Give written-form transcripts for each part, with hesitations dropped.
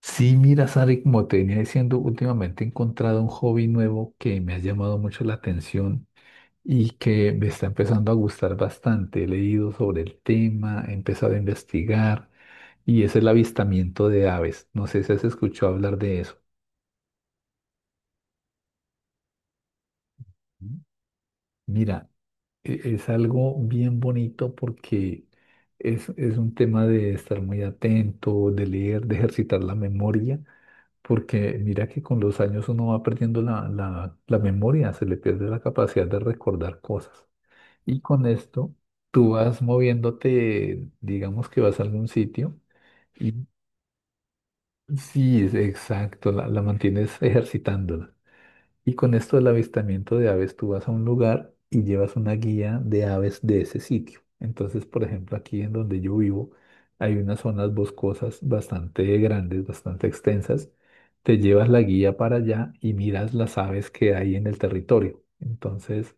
Sí, mira, Sari, como te venía diciendo, últimamente he encontrado un hobby nuevo que me ha llamado mucho la atención y que me está empezando a gustar bastante. He leído sobre el tema, he empezado a investigar y es el avistamiento de aves. No sé si has escuchado hablar de eso. Mira, es algo bien bonito porque es un tema de estar muy atento, de leer, de ejercitar la memoria. Porque mira que con los años uno va perdiendo la memoria, se le pierde la capacidad de recordar cosas. Y con esto tú vas moviéndote, digamos que vas a algún sitio y sí, es exacto, la mantienes ejercitándola. Y con esto del avistamiento de aves, tú vas a un lugar y llevas una guía de aves de ese sitio. Entonces, por ejemplo, aquí en donde yo vivo, hay unas zonas boscosas bastante grandes, bastante extensas. Te llevas la guía para allá y miras las aves que hay en el territorio. Entonces,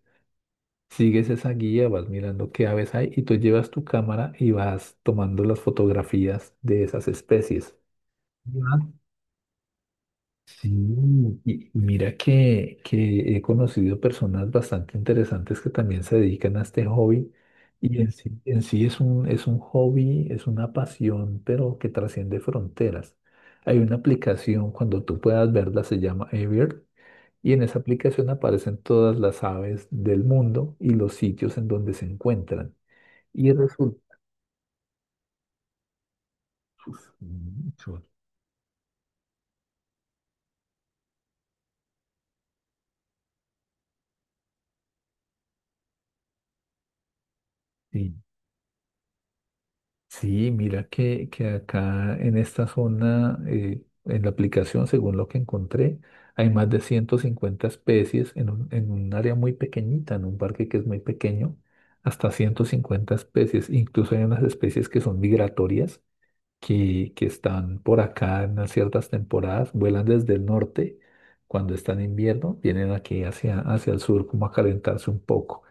sigues esa guía, vas mirando qué aves hay y tú llevas tu cámara y vas tomando las fotografías de esas especies. Sí, y mira que he conocido personas bastante interesantes que también se dedican a este hobby y en sí es un hobby, es una pasión, pero que trasciende fronteras. Hay una aplicación, cuando tú puedas verla, se llama Earth y en esa aplicación aparecen todas las aves del mundo y los sitios en donde se encuentran. Y resulta... Sí, mira que acá en esta zona, en la aplicación, según lo que encontré, hay más de 150 especies en un área muy pequeñita, en un parque que es muy pequeño, hasta 150 especies. Incluso hay unas especies que son migratorias, que están por acá en unas ciertas temporadas, vuelan desde el norte, cuando están en invierno, vienen aquí hacia, hacia el sur como a calentarse un poco.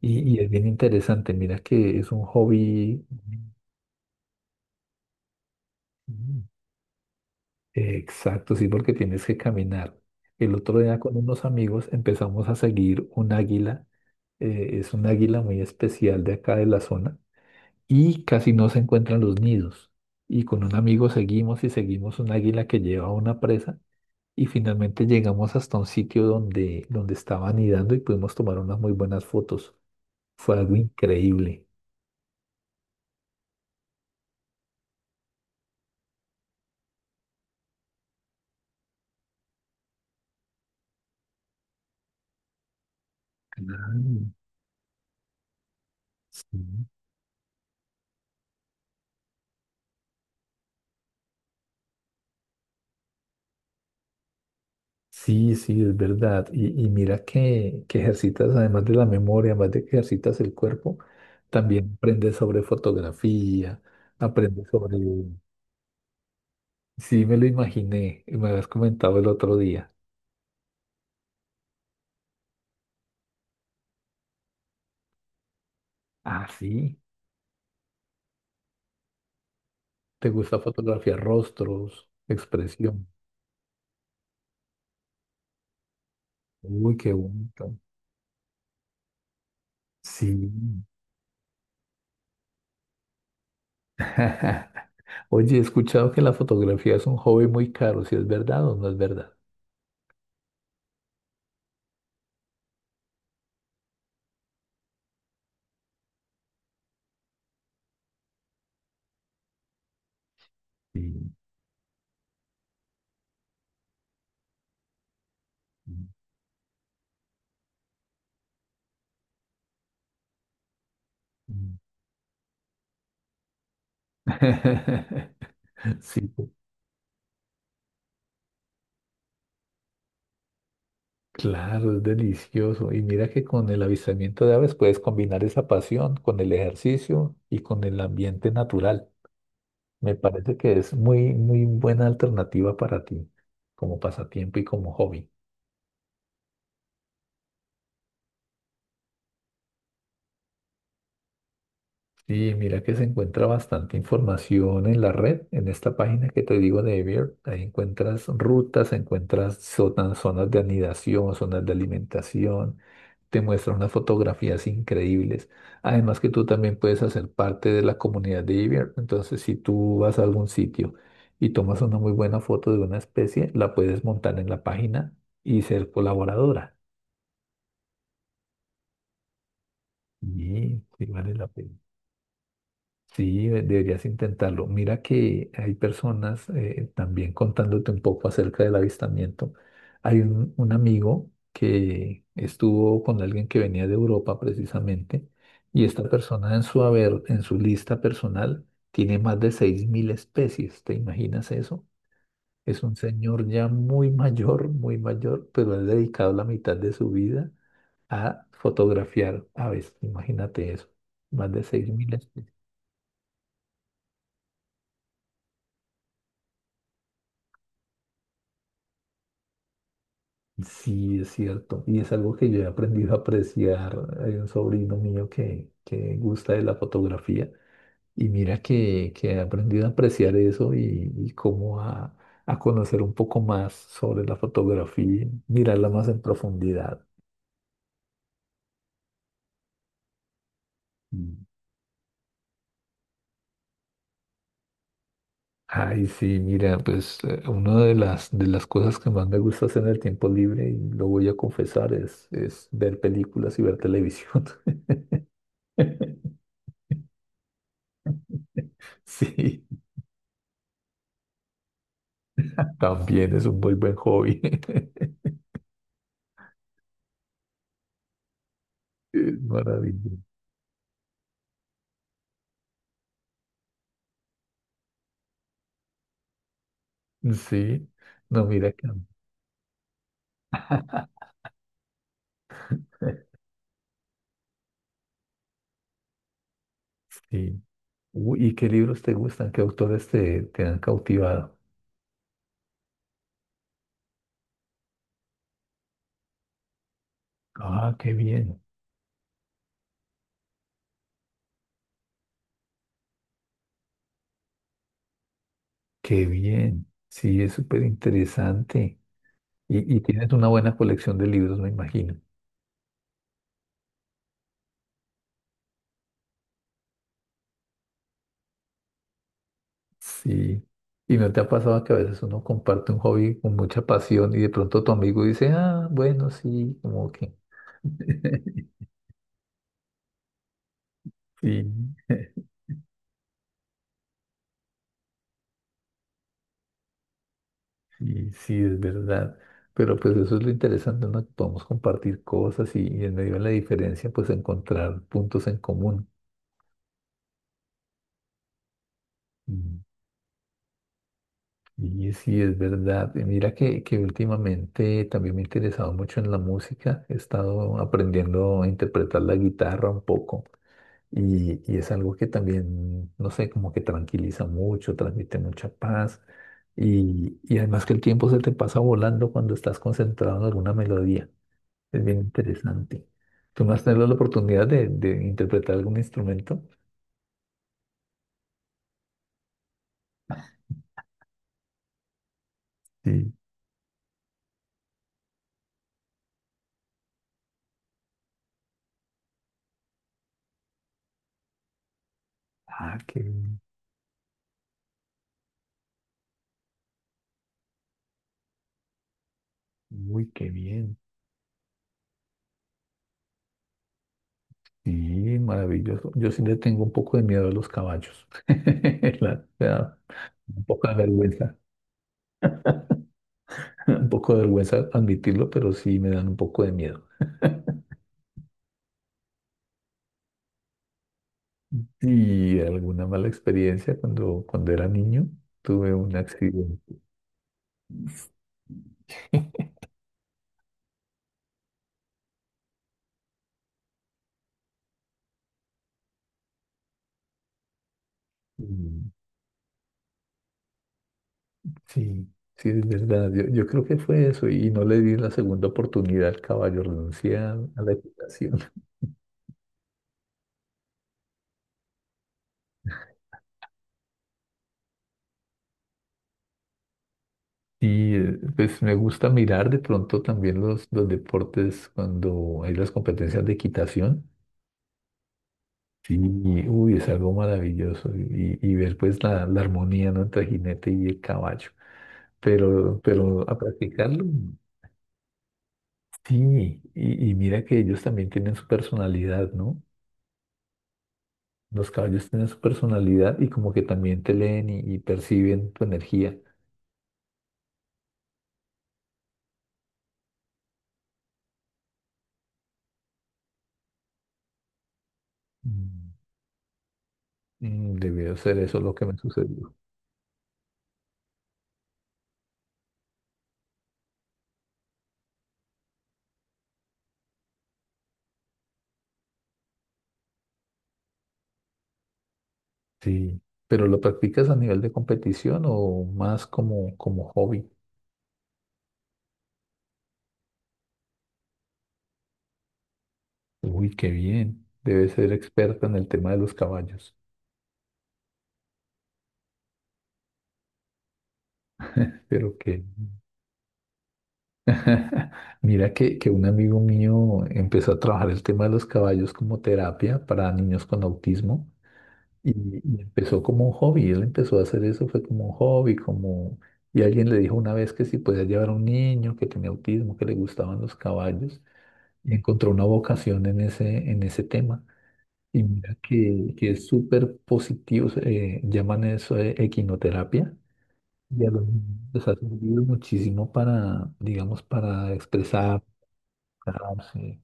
Y es bien interesante, mira que es un hobby. Exacto, sí, porque tienes que caminar. El otro día con unos amigos empezamos a seguir un águila. Es un águila muy especial de acá de la zona y casi no se encuentran los nidos. Y con un amigo seguimos y seguimos un águila que lleva una presa y finalmente llegamos hasta un sitio donde, donde estaba anidando y pudimos tomar unas muy buenas fotos. Fue algo increíble. Claro, sí. Sí, sí, es verdad. Y mira que ejercitas, además de la memoria, además de que ejercitas el cuerpo, también aprendes sobre fotografía, aprendes sobre... Sí, me lo imaginé, y me habías comentado el otro día. Ah, sí, te gusta fotografiar rostros, expresión. Uy, qué bonito. Sí. Oye, he escuchado que la fotografía es un hobby muy caro, si es verdad o no es verdad. Sí. Sí. Sí. Claro, es delicioso. Y mira que con el avistamiento de aves puedes combinar esa pasión con el ejercicio y con el ambiente natural. Me parece que es muy, muy buena alternativa para ti como pasatiempo y como hobby. Sí, mira que se encuentra bastante información en la red, en esta página que te digo de Evier. Ahí encuentras rutas, encuentras zonas, zonas de anidación, zonas de alimentación, te muestra unas fotografías increíbles. Además que tú también puedes hacer parte de la comunidad de Evier. Entonces, si tú vas a algún sitio y tomas una muy buena foto de una especie, la puedes montar en la página y ser colaboradora. Y sí, vale la pena. Sí, deberías intentarlo. Mira que hay personas, también contándote un poco acerca del avistamiento, hay un amigo que estuvo con alguien que venía de Europa precisamente, y esta persona en su haber, en su lista personal, tiene más de 6.000 especies. ¿Te imaginas eso? Es un señor ya muy mayor, pero ha dedicado la mitad de su vida a fotografiar aves. Imagínate eso, más de 6.000 especies. Sí, es cierto. Y es algo que yo he aprendido a apreciar. Hay un sobrino mío que gusta de la fotografía y mira que he aprendido a apreciar eso y cómo a conocer un poco más sobre la fotografía, mirarla más en profundidad. Mm. Ay, sí, mira, pues una de las cosas que más me gusta hacer en el tiempo libre, y lo voy a confesar, es ver películas y ver televisión. Sí, también es un muy buen hobby. Es maravilloso. Sí, no, mira que sí. Uy, ¿y qué libros te gustan? ¿Qué autores te han cautivado? Ah, qué bien, qué bien. Sí, es súper interesante. Y tienes una buena colección de libros, me imagino. Sí. ¿Y no te ha pasado que a veces uno comparte un hobby con mucha pasión y de pronto tu amigo dice, ah, bueno, sí, como que? Sí. Y sí, es verdad. Pero pues eso es lo interesante, ¿no? Que podemos compartir cosas y en medio de la diferencia, pues encontrar puntos en común. Mm. Y sí, es verdad. Y mira que últimamente también me he interesado mucho en la música. He estado aprendiendo a interpretar la guitarra un poco. Y es algo que también, no sé, como que tranquiliza mucho, transmite mucha paz. Y además que el tiempo se te pasa volando cuando estás concentrado en alguna melodía. Es bien interesante. ¿Tú no has tenido la oportunidad de interpretar algún instrumento? Sí. Ah, qué bien. Uy, qué bien. Sí, maravilloso. Yo sí le tengo un poco de miedo a los caballos. Me da un poco de vergüenza, un poco de vergüenza admitirlo, pero sí me dan un poco de miedo. Y alguna mala experiencia cuando, cuando era niño, tuve un accidente. Sí, sí, es verdad. Yo creo que fue eso y no le di la segunda oportunidad al caballo, renuncié a la equitación. Y pues me gusta mirar de pronto también los deportes cuando hay las competencias de equitación. Sí, uy, es algo maravilloso y ver pues la armonía, ¿no?, entre el jinete y el caballo. Pero, sí, pero a practicarlo, sí. Y mira que ellos también tienen su personalidad, ¿no? Los caballos tienen su personalidad y como que también te leen y perciben tu energía. Mm, Debió ser eso lo que me sucedió. Sí. ¿Pero lo practicas a nivel de competición o más como hobby? Uy, qué bien. Debes ser experta en el tema de los caballos. Pero que... Mira que un amigo mío empezó a trabajar el tema de los caballos como terapia para niños con autismo. Y, y empezó como un hobby, él empezó a hacer eso, fue como un hobby, como... Y alguien le dijo una vez que si podía llevar a un niño que tenía autismo, que le gustaban los caballos, y encontró una vocación en ese tema. Y mira que es súper positivo, llaman eso equinoterapia, y a los niños les ha servido muchísimo para, digamos, para expresarse,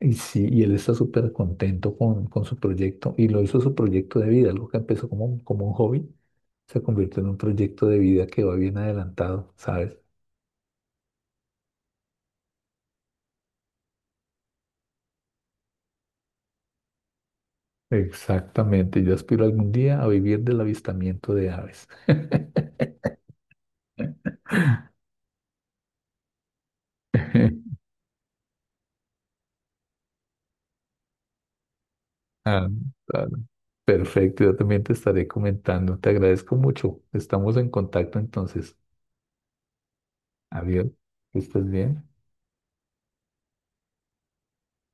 y sí, y él está súper contento con su proyecto y lo hizo su proyecto de vida, algo que empezó como, como un hobby, se convirtió en un proyecto de vida que va bien adelantado, ¿sabes? Exactamente, yo aspiro algún día a vivir del avistamiento de aves. Ah, ah, Perfecto, yo también te estaré comentando. Te agradezco mucho. Estamos en contacto entonces. Adiós, que estés bien.